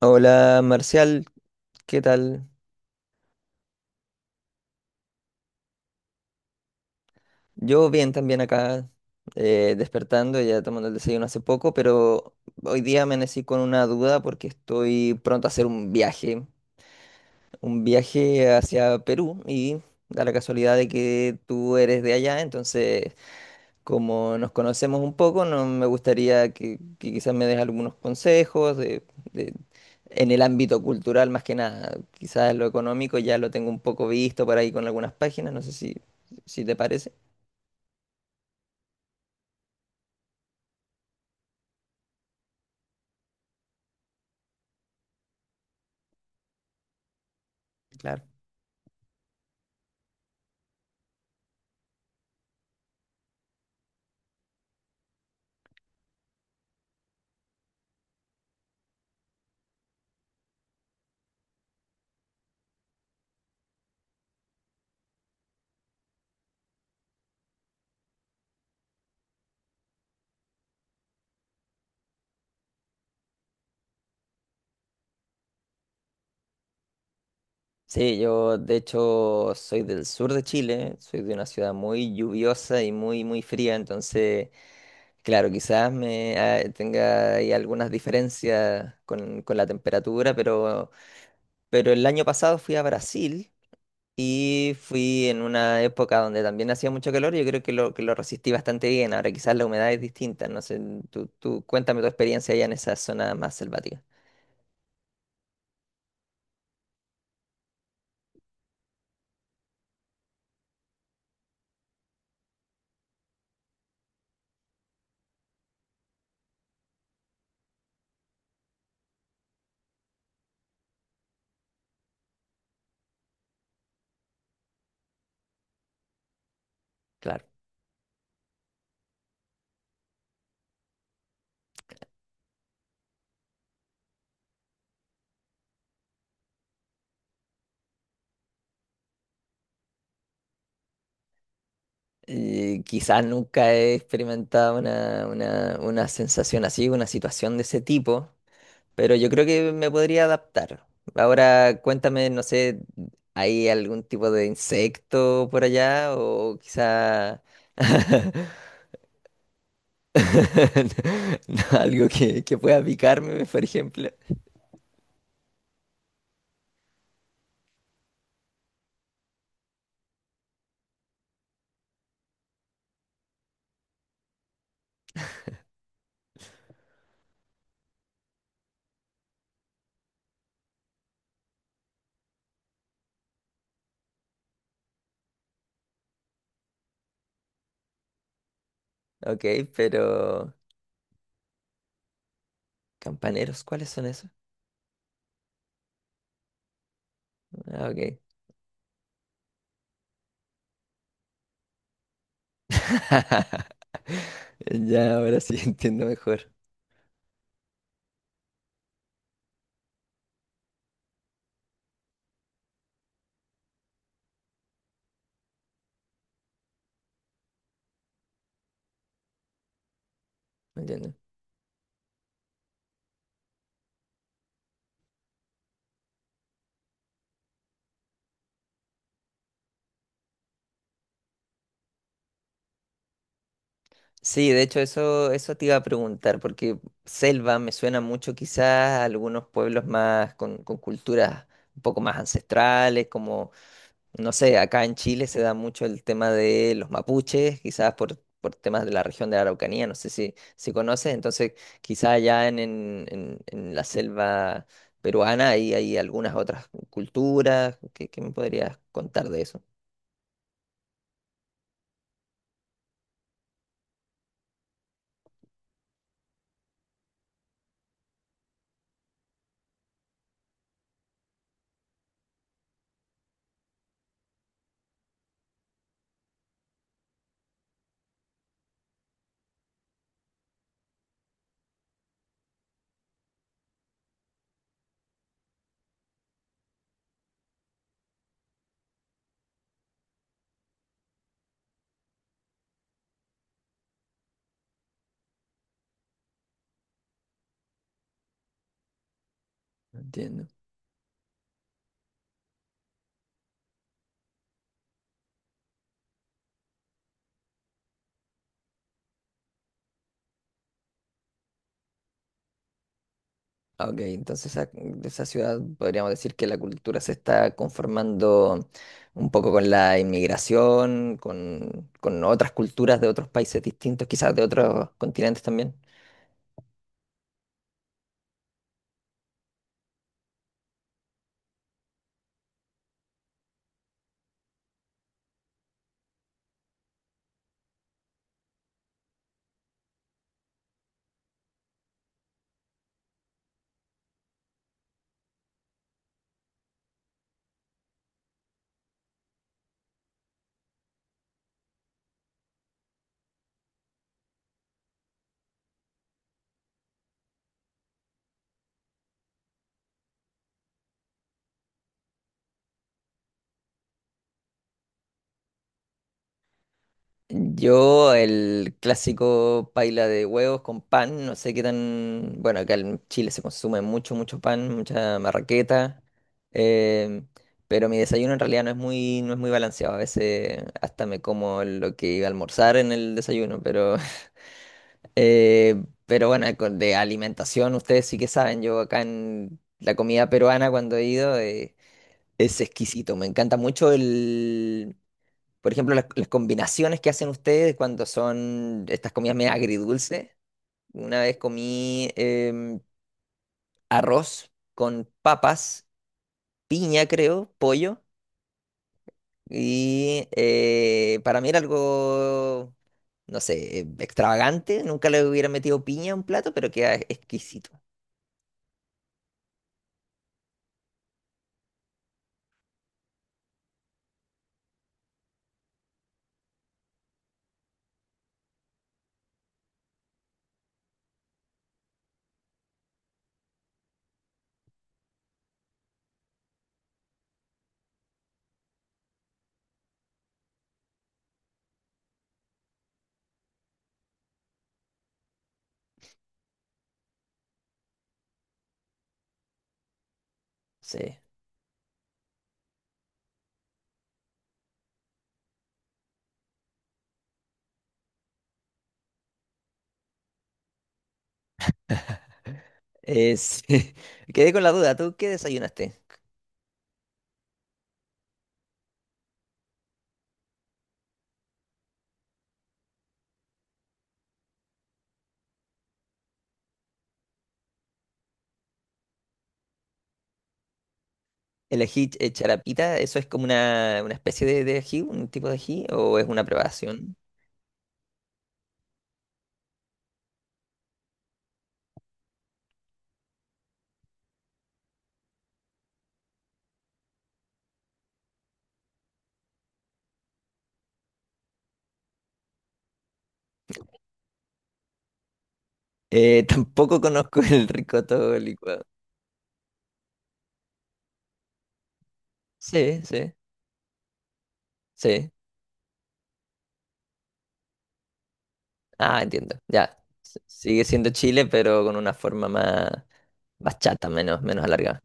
Hola Marcial, ¿qué tal? Yo bien también acá, despertando, ya tomando el desayuno hace poco, pero hoy día amanecí con una duda porque estoy pronto a hacer un viaje hacia Perú y da la casualidad de que tú eres de allá, entonces como nos conocemos un poco, no me gustaría que quizás me des algunos consejos en el ámbito cultural, más que nada, quizás lo económico ya lo tengo un poco visto por ahí con algunas páginas, no sé si, si te parece. Claro. Sí, yo de hecho soy del sur de Chile, soy de una ciudad muy lluviosa y muy, muy fría, entonces, claro, quizás me tenga ahí algunas diferencias con la temperatura, pero el año pasado fui a Brasil y fui en una época donde también hacía mucho calor y yo creo que que lo resistí bastante bien. Ahora quizás la humedad es distinta, no sé, tú cuéntame tu experiencia allá en esa zona más selvática. Claro. Quizás nunca he experimentado una sensación así, una situación de ese tipo. Pero yo creo que me podría adaptar. Ahora cuéntame, no sé, ¿hay algún tipo de insecto por allá? O quizá no, algo que pueda picarme, por ejemplo. Ok, pero... ¿Campaneros? ¿Cuáles son esos? Ah, ok. Ya, ahora sí entiendo mejor. Sí, de hecho eso te iba a preguntar, porque selva me suena mucho quizás a algunos pueblos más con culturas un poco más ancestrales, como, no sé, acá en Chile se da mucho el tema de los mapuches, quizás por temas de la región de la Araucanía, no sé si, si conoces, entonces quizás allá en la selva peruana hay, hay algunas otras culturas, ¿qué me podrías contar de eso? Entiendo. Ah, ok, entonces de esa ciudad podríamos decir que la cultura se está conformando un poco con la inmigración, con otras culturas de otros países distintos, quizás de otros continentes también. Yo, el clásico paila de huevos con pan, no sé qué tan... Bueno, acá en Chile se consume mucho, mucho pan, mucha marraqueta, eh, pero mi desayuno en realidad no es muy, no es muy balanceado. A veces hasta me como lo que iba a almorzar en el desayuno, pero bueno, de alimentación, ustedes sí que saben, yo acá en la comida peruana cuando he ido es exquisito, me encanta mucho el, por ejemplo, las combinaciones que hacen ustedes cuando son estas comidas medio agridulces. Una vez comí arroz con papas, piña creo, pollo, y para mí era algo, no sé, extravagante, nunca le hubiera metido piña a un plato, pero queda exquisito. Sí. Es... Quedé con la duda, ¿tú qué desayunaste? ¿El ají charapita, eso es como una especie de ají, un tipo de ají, o es una preparación? Tampoco conozco el ricoto licuado. Sí, sí, sí. Ah, entiendo. Ya. Sigue siendo Chile, pero con una forma más, más chata, menos, menos alargada.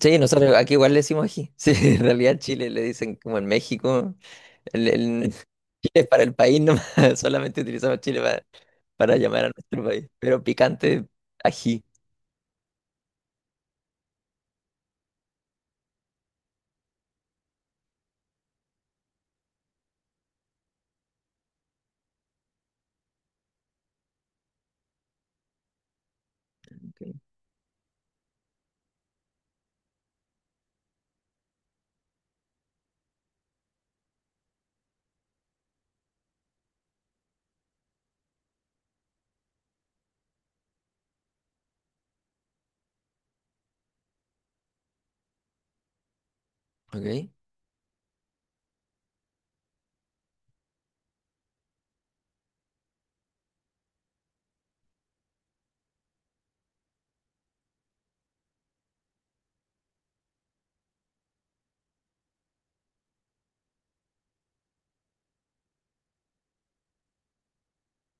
Sí, nosotros aquí igual le decimos ají. Sí, en realidad Chile le dicen como en México. Chile es para el país nomás, solamente utilizamos Chile para llamar a nuestro país. Pero picante, ají. Ok, ok,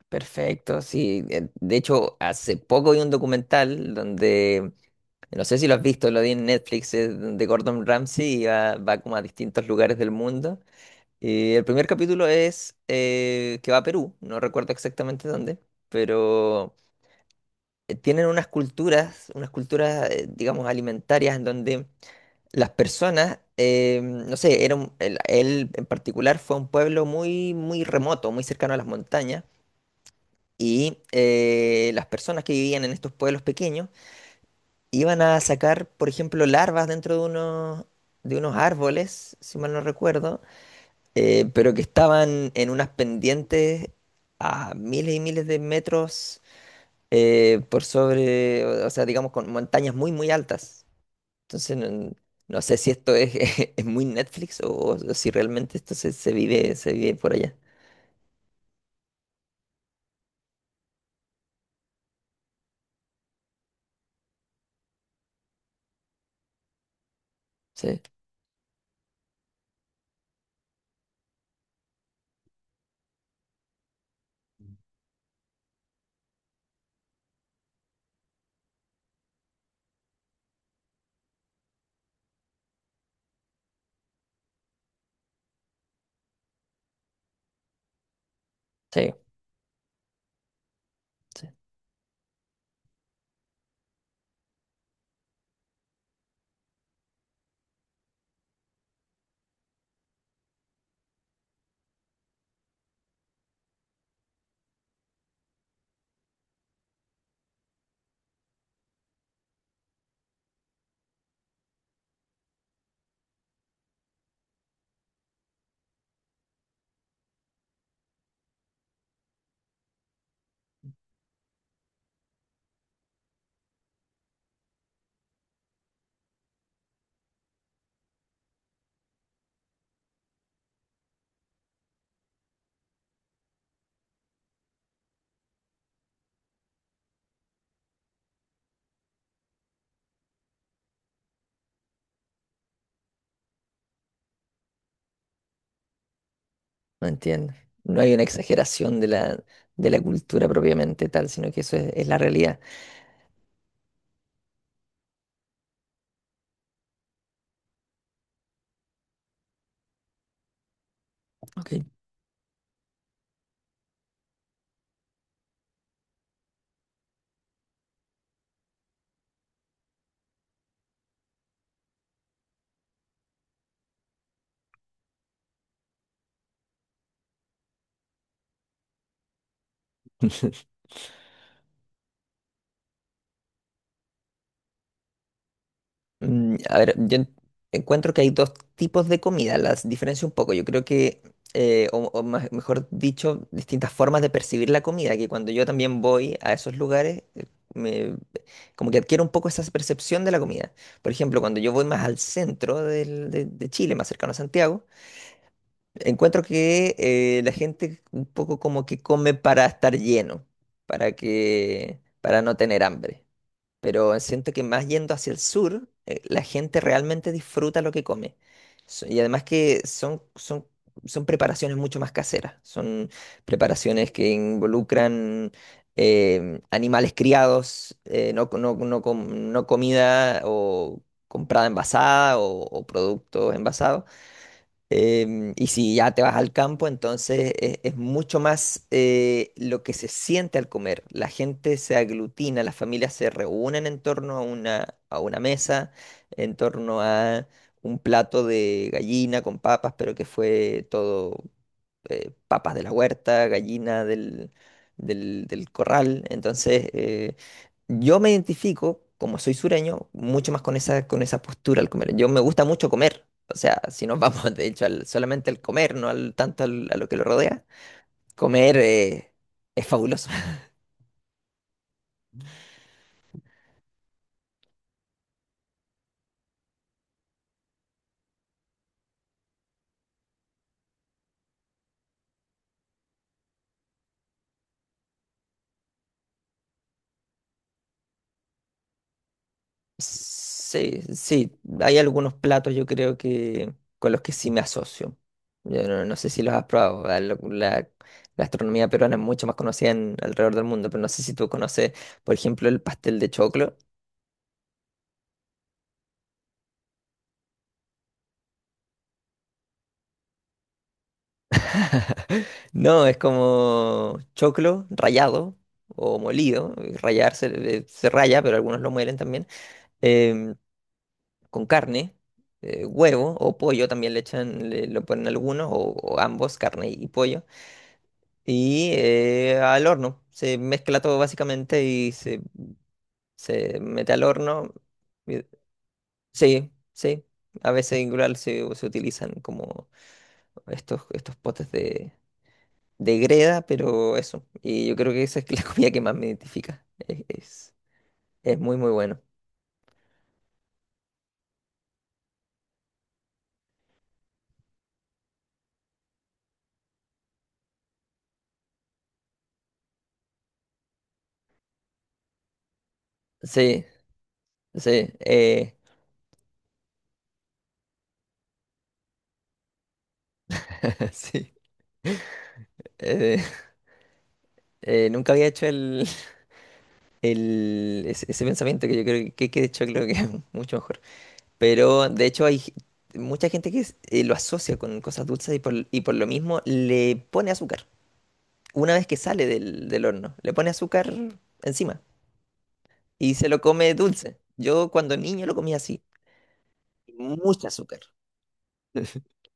perfecto, sí. De hecho, hace poco vi un documental donde, no sé si lo has visto, lo vi en Netflix, de Gordon Ramsay y va como a distintos lugares del mundo. Y el primer capítulo es que va a Perú, no recuerdo exactamente dónde, pero tienen unas culturas, digamos, alimentarias en donde las personas, no sé, él en particular fue a un pueblo muy, muy remoto, muy cercano a las montañas, y las personas que vivían en estos pueblos pequeños iban a sacar, por ejemplo, larvas dentro de unos árboles, si mal no recuerdo, pero que estaban en unas pendientes a miles y miles de metros por sobre, o sea, digamos, con montañas muy, muy altas. Entonces, no, no sé si esto es, es muy Netflix o si realmente esto se, se vive por allá. Sí, sí, sí, no entiendo. No hay una exageración de la cultura propiamente tal, sino que eso es la realidad. Ok. Mm, a ver, encuentro que hay dos tipos de comida, las diferencio un poco. Yo creo que, mejor dicho, distintas formas de percibir la comida, que cuando yo también voy a esos lugares, me, como que adquiero un poco esa percepción de la comida. Por ejemplo, cuando yo voy más al centro de Chile, más cercano a Santiago, encuentro que la gente un poco como que come para estar lleno, para que, para no tener hambre, pero siento que más yendo hacia el sur, la gente realmente disfruta lo que come. Y además que son, son, son preparaciones mucho más caseras, son preparaciones que involucran animales criados, no comida o comprada envasada o productos envasados. Y si ya te vas al campo, entonces es mucho más lo que se siente al comer. La gente se aglutina, las familias se reúnen en torno a una mesa, en torno a un plato de gallina con papas, pero que fue todo papas de la huerta, gallina del corral. Entonces, yo me identifico, como soy sureño, mucho más con esa postura al comer. Yo me gusta mucho comer. O sea, si nos vamos, de hecho, solamente al comer, no al, tanto al- a lo que lo rodea, comer es fabuloso. Sí, sí, hay algunos platos yo creo que con los que sí me asocio. Yo no, no sé si los has probado. La gastronomía peruana es mucho más conocida en, alrededor del mundo, pero no sé si tú conoces, por ejemplo, el pastel de choclo. No, es como choclo rallado o molido. Se, se raya, pero algunos lo muelen también. em, con carne, huevo o pollo también le echan, lo ponen algunos o ambos, carne y pollo. Y al horno. Se mezcla todo básicamente y se mete al horno. Y- Sí, sí. A veces igual se, se utilizan como estos, estos potes de greda, pero eso. Y yo creo que esa es la comida que más me identifica. Es muy, muy bueno. Sí, sí. Eh, sí. eh, Nunca había hecho el, ese pensamiento que yo creo que de hecho creo que es mucho mejor. Pero de hecho mucha gente que lo asocia con cosas dulces y por lo mismo le pone azúcar. Una vez que sale del, del horno, le pone azúcar encima y se lo come dulce. Yo cuando niño lo comía así, mucho azúcar.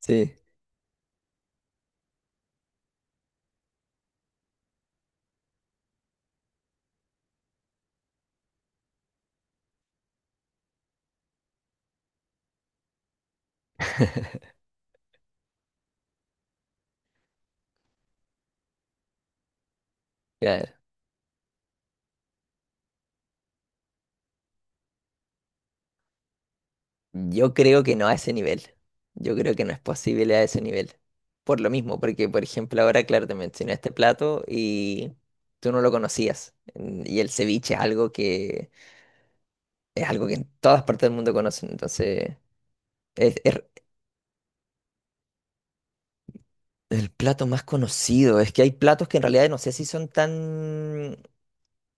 Sí, claro. Yo creo que no a ese nivel. Yo creo que no es posible a ese nivel. Por lo mismo, porque por ejemplo ahora, claro, te mencioné este plato y tú no lo conocías. Mm, y el ceviche es algo que en todas partes del mundo conocen, entonces es el plato más conocido. Es que hay platos que en realidad no sé si son tan,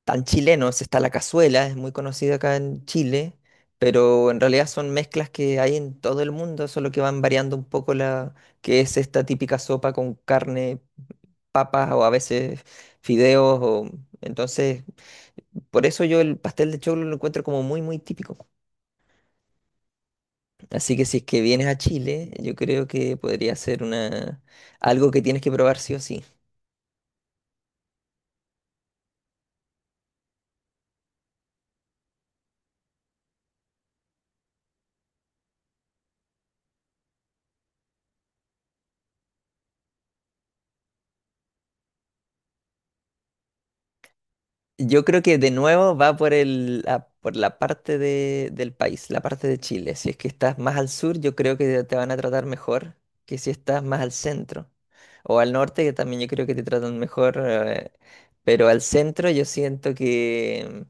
tan chilenos. Está la cazuela, es muy conocida acá en Chile, pero en realidad son mezclas que hay en todo el mundo, solo que van variando un poco la que es esta típica sopa con carne, papas o a veces fideos. Entonces, por eso yo el pastel de choclo lo encuentro como muy, muy típico. Así que si es que vienes a Chile, yo creo que podría ser una algo que tienes que probar sí o sí. Yo creo que de nuevo va por el por la parte del país, la parte de Chile. Si es que estás más al sur, yo creo que te van a tratar mejor que si estás más al centro o al norte, que también yo creo que te tratan mejor, pero al centro yo siento que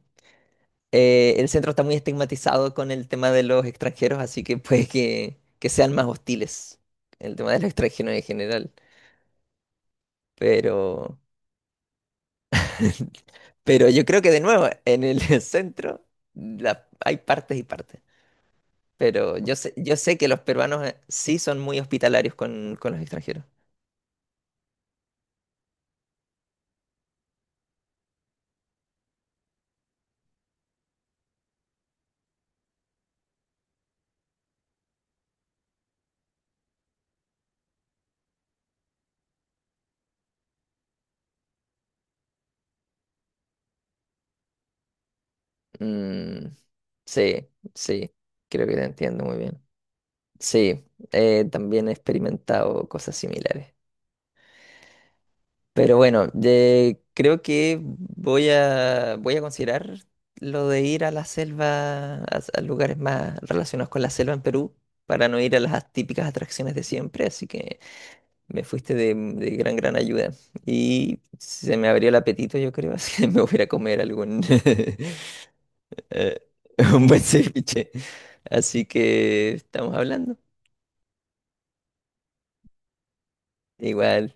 El centro está muy estigmatizado con el tema de los extranjeros, así que puede que sean más hostiles el tema de los extranjeros en general. Pero, pero yo creo que de nuevo, en el centro hay partes y partes. Pero yo sé que los peruanos sí son muy hospitalarios con los extranjeros. Mm, sí, sí, creo que te entiendo muy bien. Sí, también he experimentado cosas similares. Pero bueno, creo que voy a, voy a considerar lo de ir a la selva, a lugares más relacionados con la selva en Perú, para no ir a las típicas atracciones de siempre. Así que me fuiste de gran, gran ayuda. Y se me abrió el apetito, yo creo, así que me voy a ir a comer algún eh, un buen ceviche. Así que estamos hablando. Igual.